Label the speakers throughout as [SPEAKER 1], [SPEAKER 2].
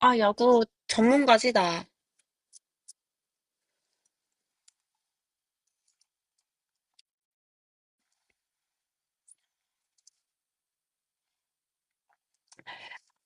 [SPEAKER 1] 아, 야구 전문가시다.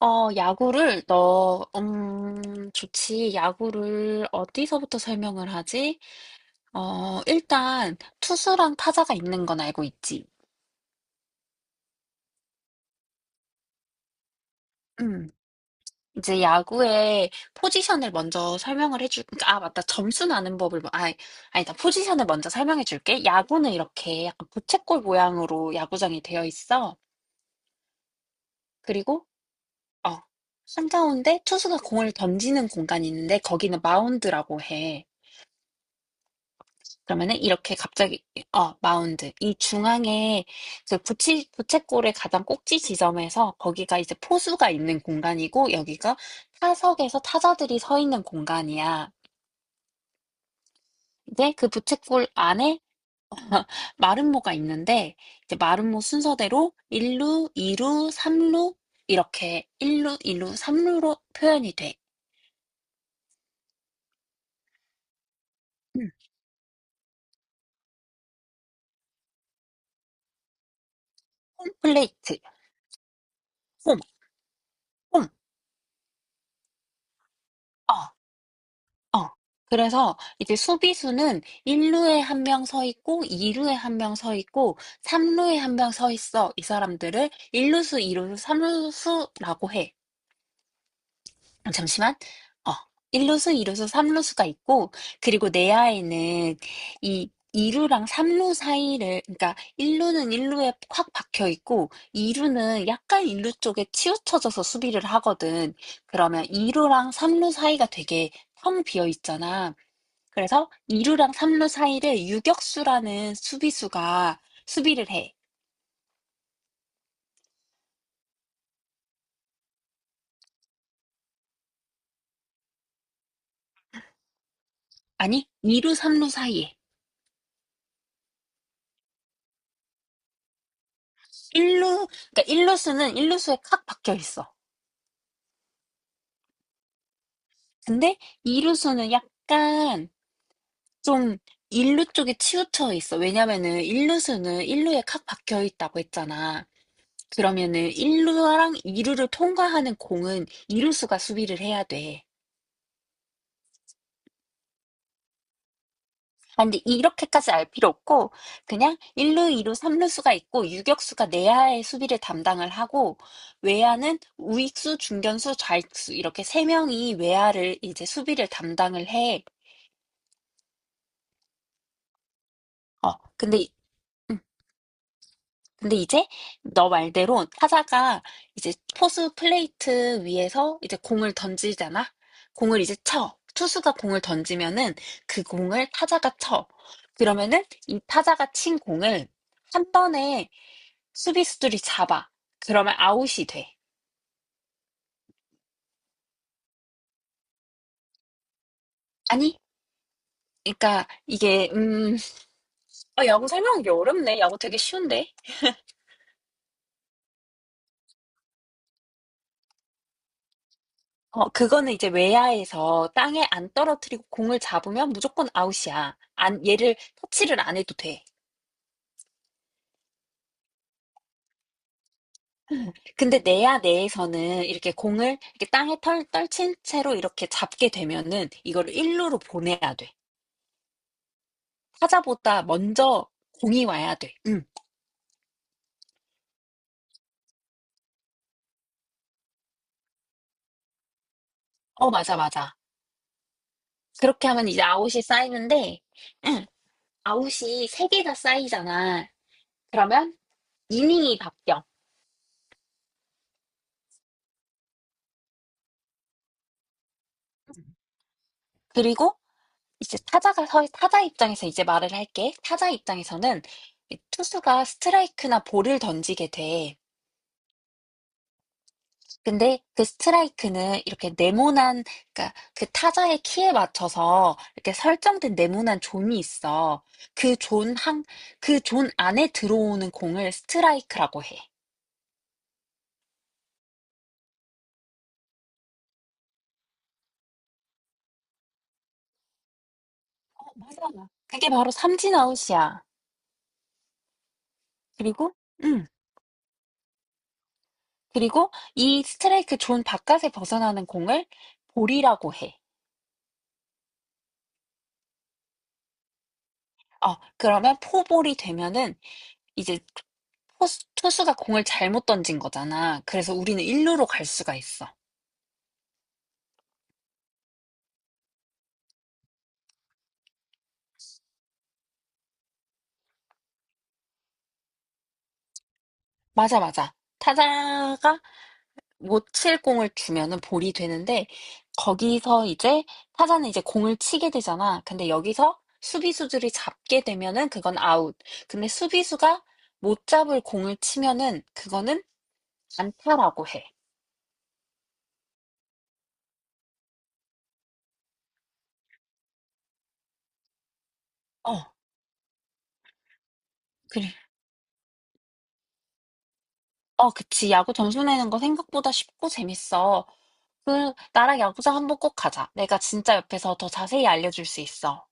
[SPEAKER 1] 야구를 좋지. 야구를 어디서부터 설명을 하지? 일단 투수랑 타자가 있는 건 알고 있지. 음. 이제 야구의 포지션을 먼저 아, 맞다. 점수 나는 법을, 뭐- 아, 아니다. 포지션을 먼저 설명해 줄게. 야구는 이렇게 약간 부채꼴 모양으로 야구장이 되어 있어. 그리고, 어, 한가운데 투수가 공을 던지는 공간이 있는데 거기는 마운드라고 해. 그러면은 이렇게 갑자기 어 마운드 이 중앙에 그 부채꼴의 가장 꼭지 지점에서 거기가 이제 포수가 있는 공간이고 여기가 타석에서 타자들이 서 있는 공간이야. 이제 그 부채꼴 안에 마름모가 있는데 이제 마름모 순서대로 1루, 2루, 3루, 이렇게 1루, 2루, 3루로 표현이 돼. 음, 홈플레이트, 홈, 홈. 어 어. 그래서 이제 수비수는 1 루에 한 명 서 있고 2 루에 한 명 서 있고 3 루에 한 명 서 있어. 이 사람들을 1 루수, 2 루수, 3 루수라고 해. 잠시만. 어. 1 루수, 2 루수, 3 루수가 있고 그리고 내야에는 이 2 루랑 3루 사이를, 그러니까 1 루는 1 루에 확 박혀 있고 2 루는 약간 1루 쪽에 치우쳐져서 수비를 하거든. 그러면 2 루랑 3루 사이가 되게 텅 비어 있잖아. 그래서 2루랑 3루 사이를 유격수라는 수비수가 수비를 해. 아니, 2루, 3루 사이에. 1루, 그러니까 일루수는 1루수에 칵 박혀 있어. 근데 2루수는 약간 좀 1루 쪽에 치우쳐 있어. 왜냐면은 1루수는 1루에 칵 박혀 있다고 했잖아. 그러면은 1루랑 2루를 통과하는 공은 2루수가 수비를 해야 돼. 아, 근데 이렇게까지 알 필요 없고, 그냥 1루, 2루, 3루수가 있고, 유격수가 내야의 수비를 담당을 하고, 외야는 우익수, 중견수, 좌익수, 이렇게 세 명이 외야를 이제 수비를 담당을 해. 어, 근데, 이- 음, 근데 이제 너 말대로 타자가 이제 포수 플레이트 위에서 이제 공을 던지잖아? 공을 이제 쳐. 투수가 공을 던지면은 그 공을 타자가 쳐. 그러면은 이 타자가 친 공을 한 번에 수비수들이 잡아. 그러면 아웃이 돼. 아니, 그러니까 이게, 야구 설명하기 어렵네. 야구 되게 쉬운데. 어, 그거는 이제 외야에서 땅에 안 떨어뜨리고 공을 잡으면 무조건 아웃이야. 안, 얘를 터치를 안 해도 돼. 근데 내야 내에서는 이렇게 공을 이렇게 땅에 떨친 채로 이렇게 잡게 되면은 이거를 일루로 보내야 돼. 타자보다 먼저 공이 와야 돼. 응. 어, 맞아, 맞아. 그렇게 하면 이제 아웃이 쌓이는데, 응, 아웃이 세 개 다 쌓이잖아. 그러면 이닝이 바뀌어. 그리고 이제 타자 입장에서 이제 말을 할게. 타자 입장에서는 이 투수가 스트라이크나 볼을 던지게 돼. 근데 그 스트라이크는 이렇게 네모난, 그러니까 그 타자의 키에 맞춰서 이렇게 설정된 네모난 존이 있어. 그 존 한, 그 존 안에 들어오는 공을 스트라이크라고 해. 어, 맞아. 그게 바로 삼진 아웃이야. 그리고, 음. 그리고 이 스트라이크 존 바깥에 벗어나는 공을 볼이라고 해. 어, 그러면 포볼이 되면은 이제 투수가 공을 잘못 던진 거잖아. 그래서 우리는 일루로 갈 수가 있어. 맞아, 맞아. 타자가 못칠 공을 주면은 볼이 되는데, 거기서 이제 타자는 이제 공을 치게 되잖아. 근데 여기서 수비수들이 잡게 되면은 그건 아웃. 근데 수비수가 못 잡을 공을 치면은 그거는 안타라고 해. 어. 그래. 어, 그치. 야구 점수 내는 거 생각보다 쉽고 재밌어. 그, 나랑 야구장 한번 꼭 가자. 내가 진짜 옆에서 더 자세히 알려줄 수 있어.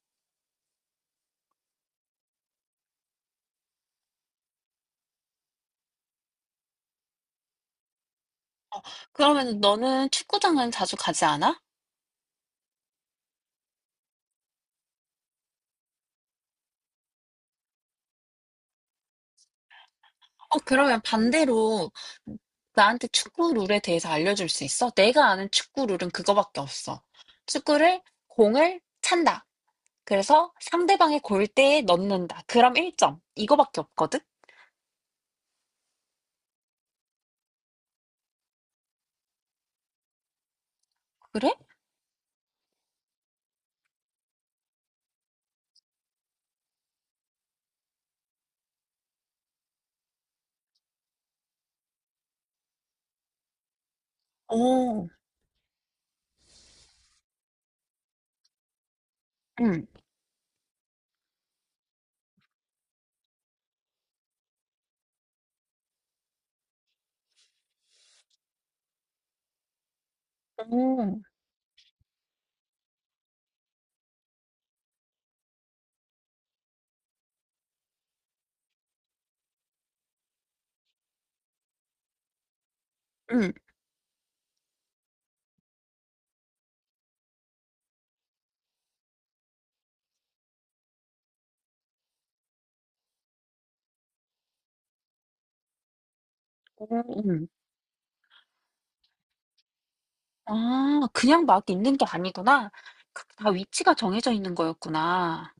[SPEAKER 1] 어, 그러면 너는 축구장은 자주 가지 않아? 어, 그러면 반대로 나한테 축구 룰에 대해서 알려줄 수 있어? 내가 아는 축구 룰은 그거밖에 없어. 축구를, 공을 찬다. 그래서 상대방의 골대에 넣는다. 그럼 1점. 이거밖에 없거든? 그래? 오, 응, 오, 응, 오. 응. 아, 그냥 막 있는 게 아니구나. 그다 위치가 정해져 있는 거였구나.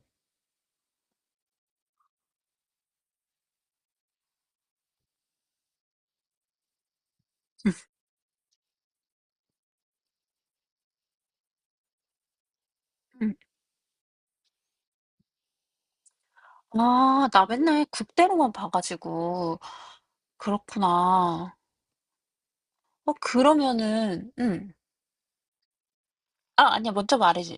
[SPEAKER 1] 음. 아, 나 맨날 국대로만 봐 가지고 그렇구나. 어 그러면은 아, 아니야. 먼저 말해줘.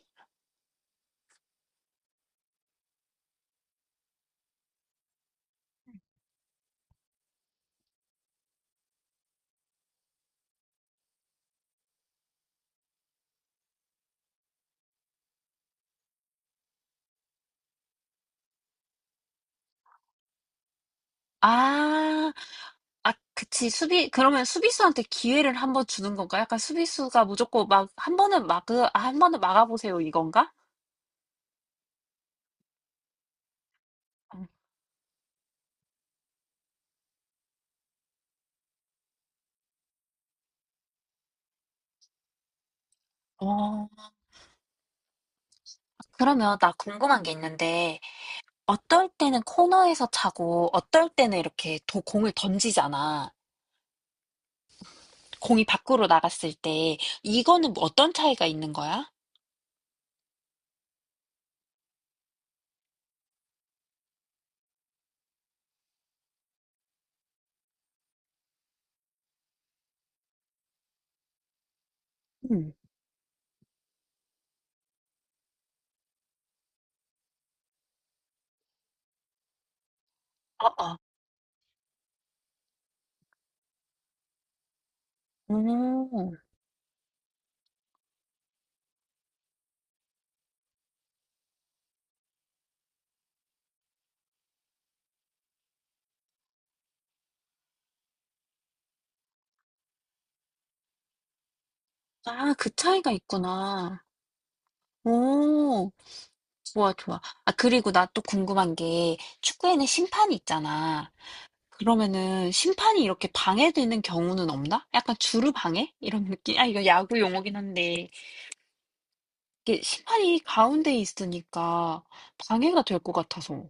[SPEAKER 1] 아. 아, 그치. 수비 그러면 수비수한테 기회를 한번 주는 건가? 약간 수비수가 무조건 막 한 번은, 막 '아, 한 번은 막아 보세요.' 이건가? 음. 어. 그러면 나 궁금한 게 있는데, 어떨 때는 코너에서 차고 어떨 때는 이렇게 도 공을 던지잖아. 공이 밖으로 나갔을 때, 이거는 뭐 어떤 차이가 있는 거야? 음. 어어. 오. 아, 그 차이가 있구나. 오. 좋아, 좋아. 아, 그리고 나 또 궁금한 게, 축구에는 심판이 있잖아. 그러면은 심판이 이렇게 방해되는 경우는 없나? 약간 주루 방해? 이런 느낌? 아, 이거 야구 용어긴 한데. 이게 심판이 가운데 있으니까 방해가 될 것 같아서.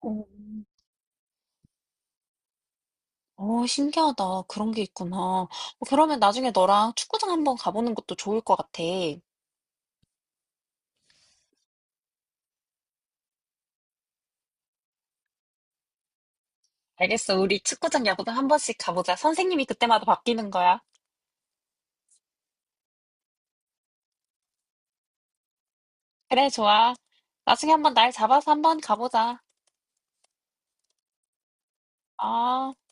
[SPEAKER 1] 어. 어, 신기하다. 그런 게 있구나. 어, 그러면 나중에 너랑 축구장 한번 가보는 것도 좋을 것 같아. 알겠어. 우리 축구장 야구장 한 번씩 가보자. 선생님이 그때마다 바뀌는 거야. 그래, 좋아. 나중에 한번 날 잡아서 한번 가보자. 아.